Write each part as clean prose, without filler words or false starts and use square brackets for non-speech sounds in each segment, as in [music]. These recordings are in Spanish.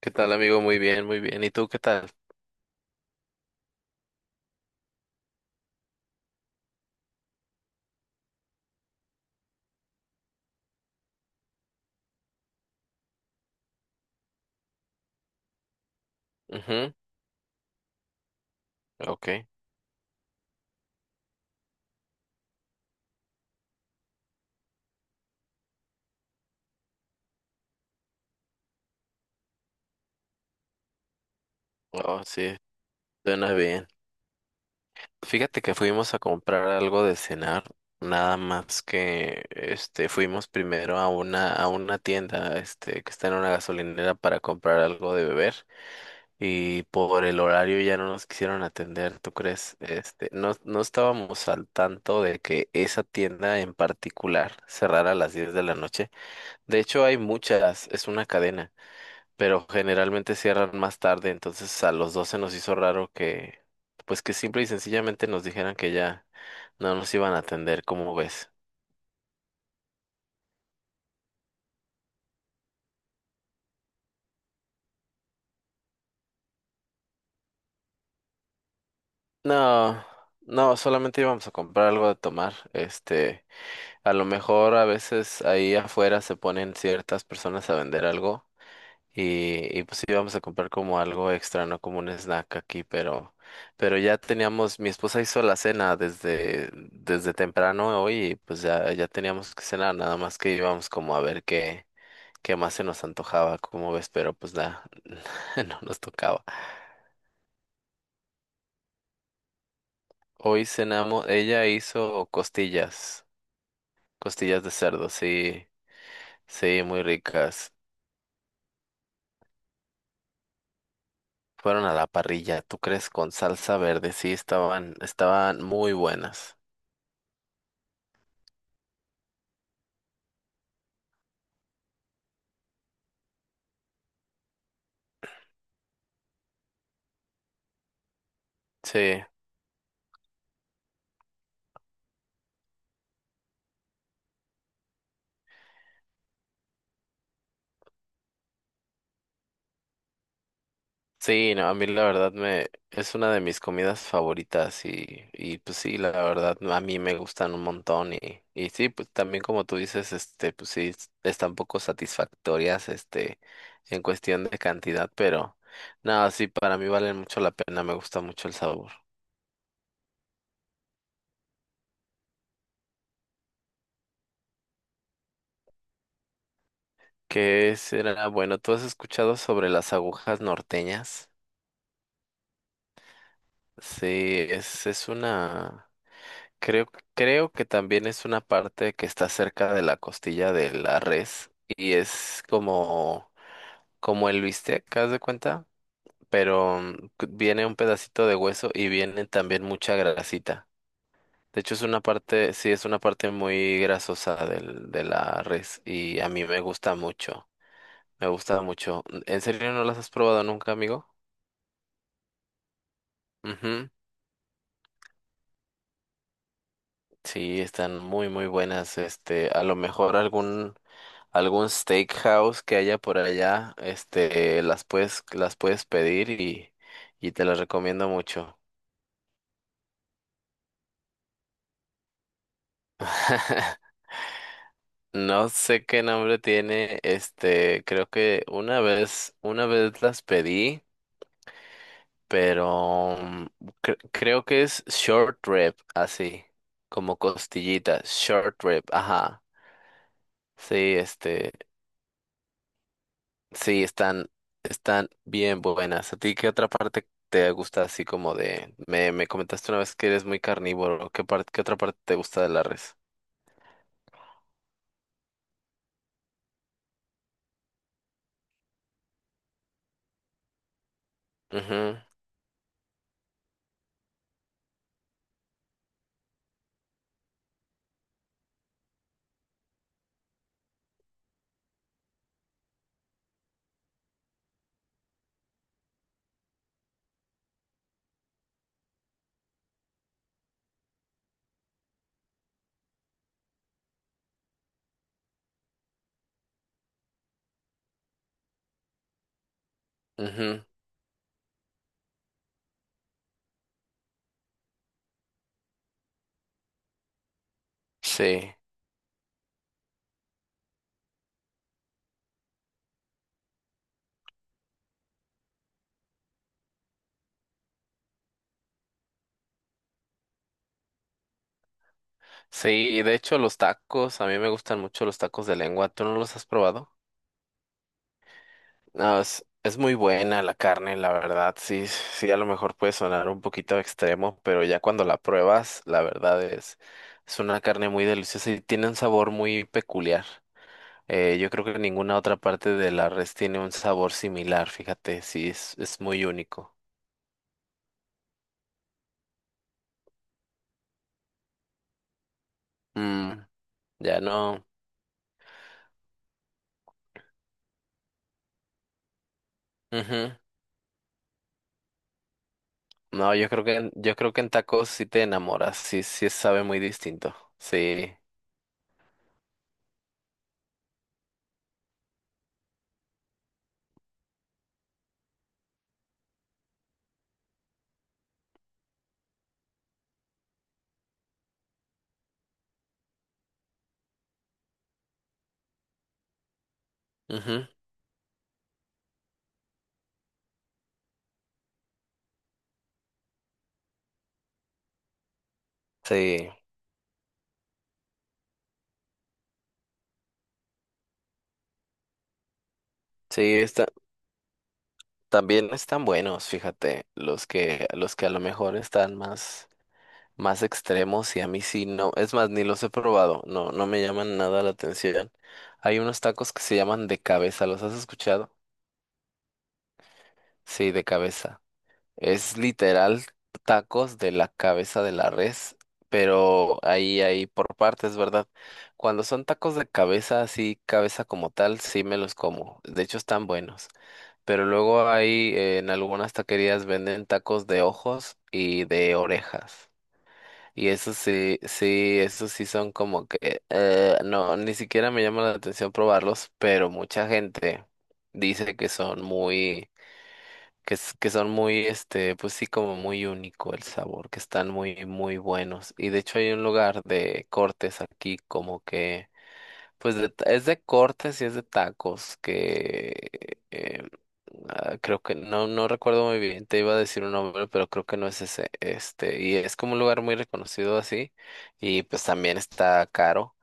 ¿Qué tal, amigo? Muy bien, muy bien. ¿Y tú qué tal? Ujú, ok. Oh, sí, suena bien. Fíjate que fuimos a comprar algo de cenar, nada más que este fuimos primero a una tienda este que está en una gasolinera para comprar algo de beber y por el horario ya no nos quisieron atender, ¿tú crees? Este, no estábamos al tanto de que esa tienda en particular cerrara a las 10 de la noche. De hecho, hay muchas, es una cadena. Pero generalmente cierran más tarde, entonces a los dos se nos hizo raro que, pues que simple y sencillamente nos dijeran que ya no nos iban a atender, ¿cómo ves? No, no, solamente íbamos a comprar algo de tomar, este, a lo mejor a veces ahí afuera se ponen ciertas personas a vender algo. Y pues íbamos a comprar como algo extra, ¿no? Como un snack aquí, pero ya teníamos, mi esposa hizo la cena desde, desde temprano hoy y pues ya, ya teníamos que cenar, nada más que íbamos como a ver qué, qué más se nos antojaba, como ves, pero pues nada, [laughs] no nos tocaba. Hoy cenamos, ella hizo costillas, costillas de cerdo, sí, sí, muy ricas. Fueron a la parrilla, ¿tú crees? Con salsa verde, sí, estaban, estaban muy buenas. Sí. Sí, no, a mí la verdad me es una de mis comidas favoritas y pues sí, la verdad a mí me gustan un montón y sí, pues también como tú dices, este, pues sí, es- están poco satisfactorias, este, en cuestión de cantidad, pero no, sí, para mí valen mucho la pena, me gusta mucho el sabor. ¿Qué será? Bueno, ¿tú has escuchado sobre las agujas norteñas? Sí, es una... Creo, creo que también es una parte que está cerca de la costilla de la res y es como, como el bistec, ¿haz de cuenta? Pero cu- viene un pedacito de hueso y viene también mucha grasita. De hecho, es una parte, sí, es una parte muy grasosa del, de la res y a mí me gusta mucho. Me gusta mucho. ¿En serio no las has probado nunca, amigo? Ujú. Sí, están muy, muy buenas. Este, a lo mejor algún algún steakhouse que haya por allá, este, las puedes pedir y te las recomiendo mucho. [laughs] No sé qué nombre tiene, este, creo que una vez las pedí, pero cre- creo que es short rib, así, como costillita, short rib, ajá. Sí, este. Sí, están, están bien buenas. ¿A ti qué otra parte te gusta así como de... Me comentaste una vez que eres muy carnívoro. ¿Qué parte, qué otra parte te gusta de la res? Mhm, mhm, sí. Sí, y de hecho los tacos, a mí me gustan mucho los tacos de lengua. ¿Tú no los has probado? No, es muy buena la carne, la verdad. Sí, sí, a lo mejor puede sonar un poquito extremo, pero ya cuando la pruebas, la verdad es una carne muy deliciosa y tiene un sabor muy peculiar. Yo creo que ninguna otra parte de la res tiene un sabor similar, fíjate, sí, es muy único. Mm, ya no. Ujú. No, yo creo que en- yo creo que en tacos sí te enamoras, sí, sí sabe muy distinto. Sí. Ujú. Sí. Sí, está, también están buenos, fíjate, los que a lo mejor están más más extremos y a mí sí no, es más ni los he probado, no me llaman nada la atención. Hay unos tacos que se llaman de cabeza, ¿los has escuchado? Sí, de cabeza. Es literal tacos de la cabeza de la res, pero ahí, ahí por partes, ¿verdad? Cuando son tacos de cabeza, así cabeza como tal, sí me los como. De hecho, están buenos. Pero luego ahí en algunas taquerías venden tacos de ojos y de orejas. Y eso sí, sí, esos sí son como que, no, ni siquiera me llama la atención probarlos, pero mucha gente dice que son muy que, es que son muy, este, pues sí, como muy único el sabor, que están muy, muy buenos. Y de hecho hay un lugar de cortes aquí como que... Pues de ta- es de cortes y es de tacos, que eh, creo que no, no recuerdo muy bien, te iba a decir un nombre, pero creo que no es ese, este, y es como un lugar muy reconocido así, y pues también está caro,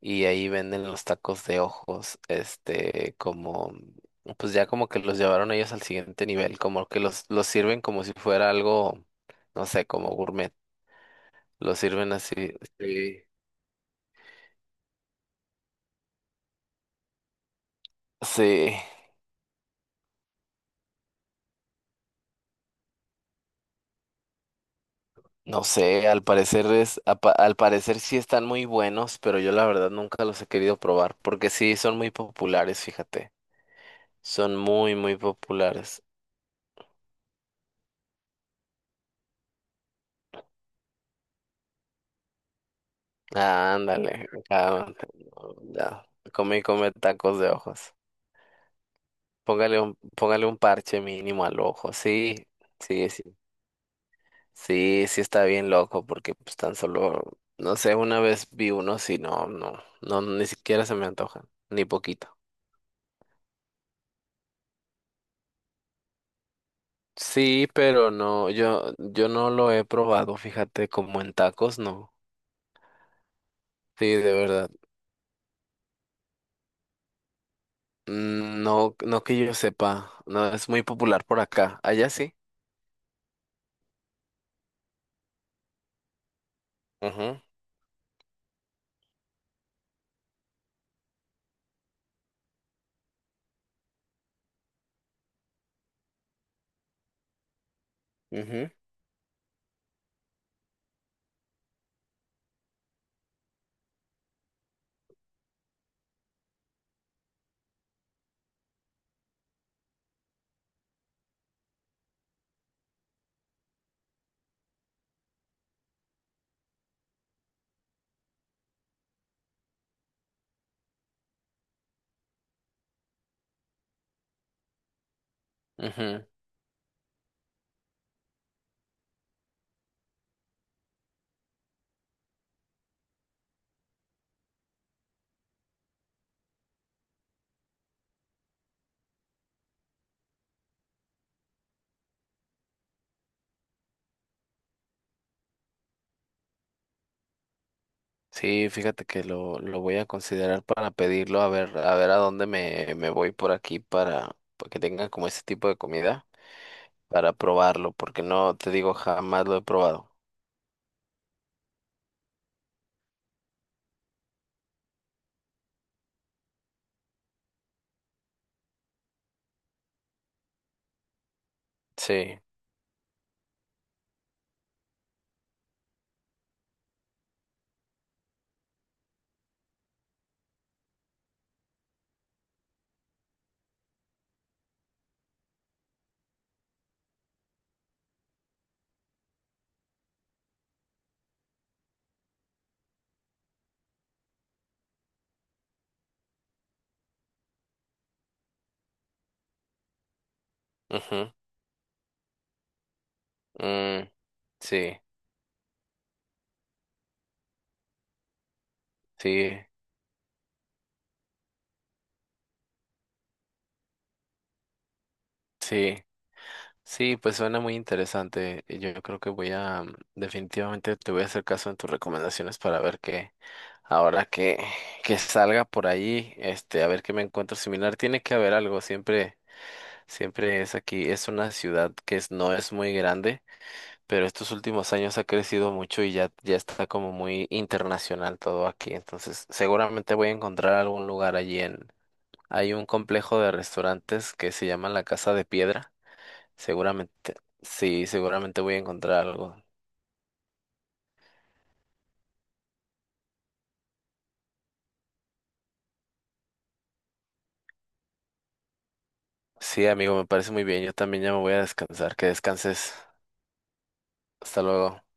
y ahí venden los tacos de ojos, este, como, pues ya como que los llevaron ellos al siguiente nivel, como que los sirven como si fuera algo, no sé, como gourmet, los sirven así. Sí. Sí, no sé, al parecer es, apa- al parecer sí están muy buenos, pero yo la verdad nunca los he querido probar, porque sí son muy populares, fíjate. Son muy, muy populares. Ah, ándale. Ah, ya. Come y come tacos de ojos. Póngale un parche mínimo al ojo. Sí, sí, sí. Sí, sí está bien loco, porque pues tan solo, no sé, una vez vi uno, sí, no, no, no, ni siquiera se me antojan, ni poquito. Sí, pero no, yo no lo he probado, fíjate, como en tacos, no. Sí, de verdad. No, no que yo sepa, no, es muy popular por acá. Allá sí. Ajá, ajá, ajá. Sí, fíjate que lo voy a considerar para pedirlo, a ver, a ver a dónde me, me voy por aquí para que tengan como ese tipo de comida, para probarlo, porque no, te digo, jamás lo he probado. Sí, ajá, mm, sí, sí, sí. Sí, pues suena muy interesante. Y yo creo que voy a, definitivamente te voy a hacer caso en tus recomendaciones para ver qué, ahora que salga por ahí, este, a ver qué me encuentro similar. Tiene que haber algo, siempre, siempre es aquí. Es una ciudad que es- no es muy grande, pero estos últimos años ha crecido mucho y ya, ya está como muy internacional todo aquí. Entonces, seguramente voy a encontrar algún lugar allí en, hay un complejo de restaurantes que se llama La Casa de Piedra. Seguramente, sí, seguramente voy a encontrar algo. Sí, amigo, me parece muy bien. Yo también ya me voy a descansar. Que descanses. Hasta luego.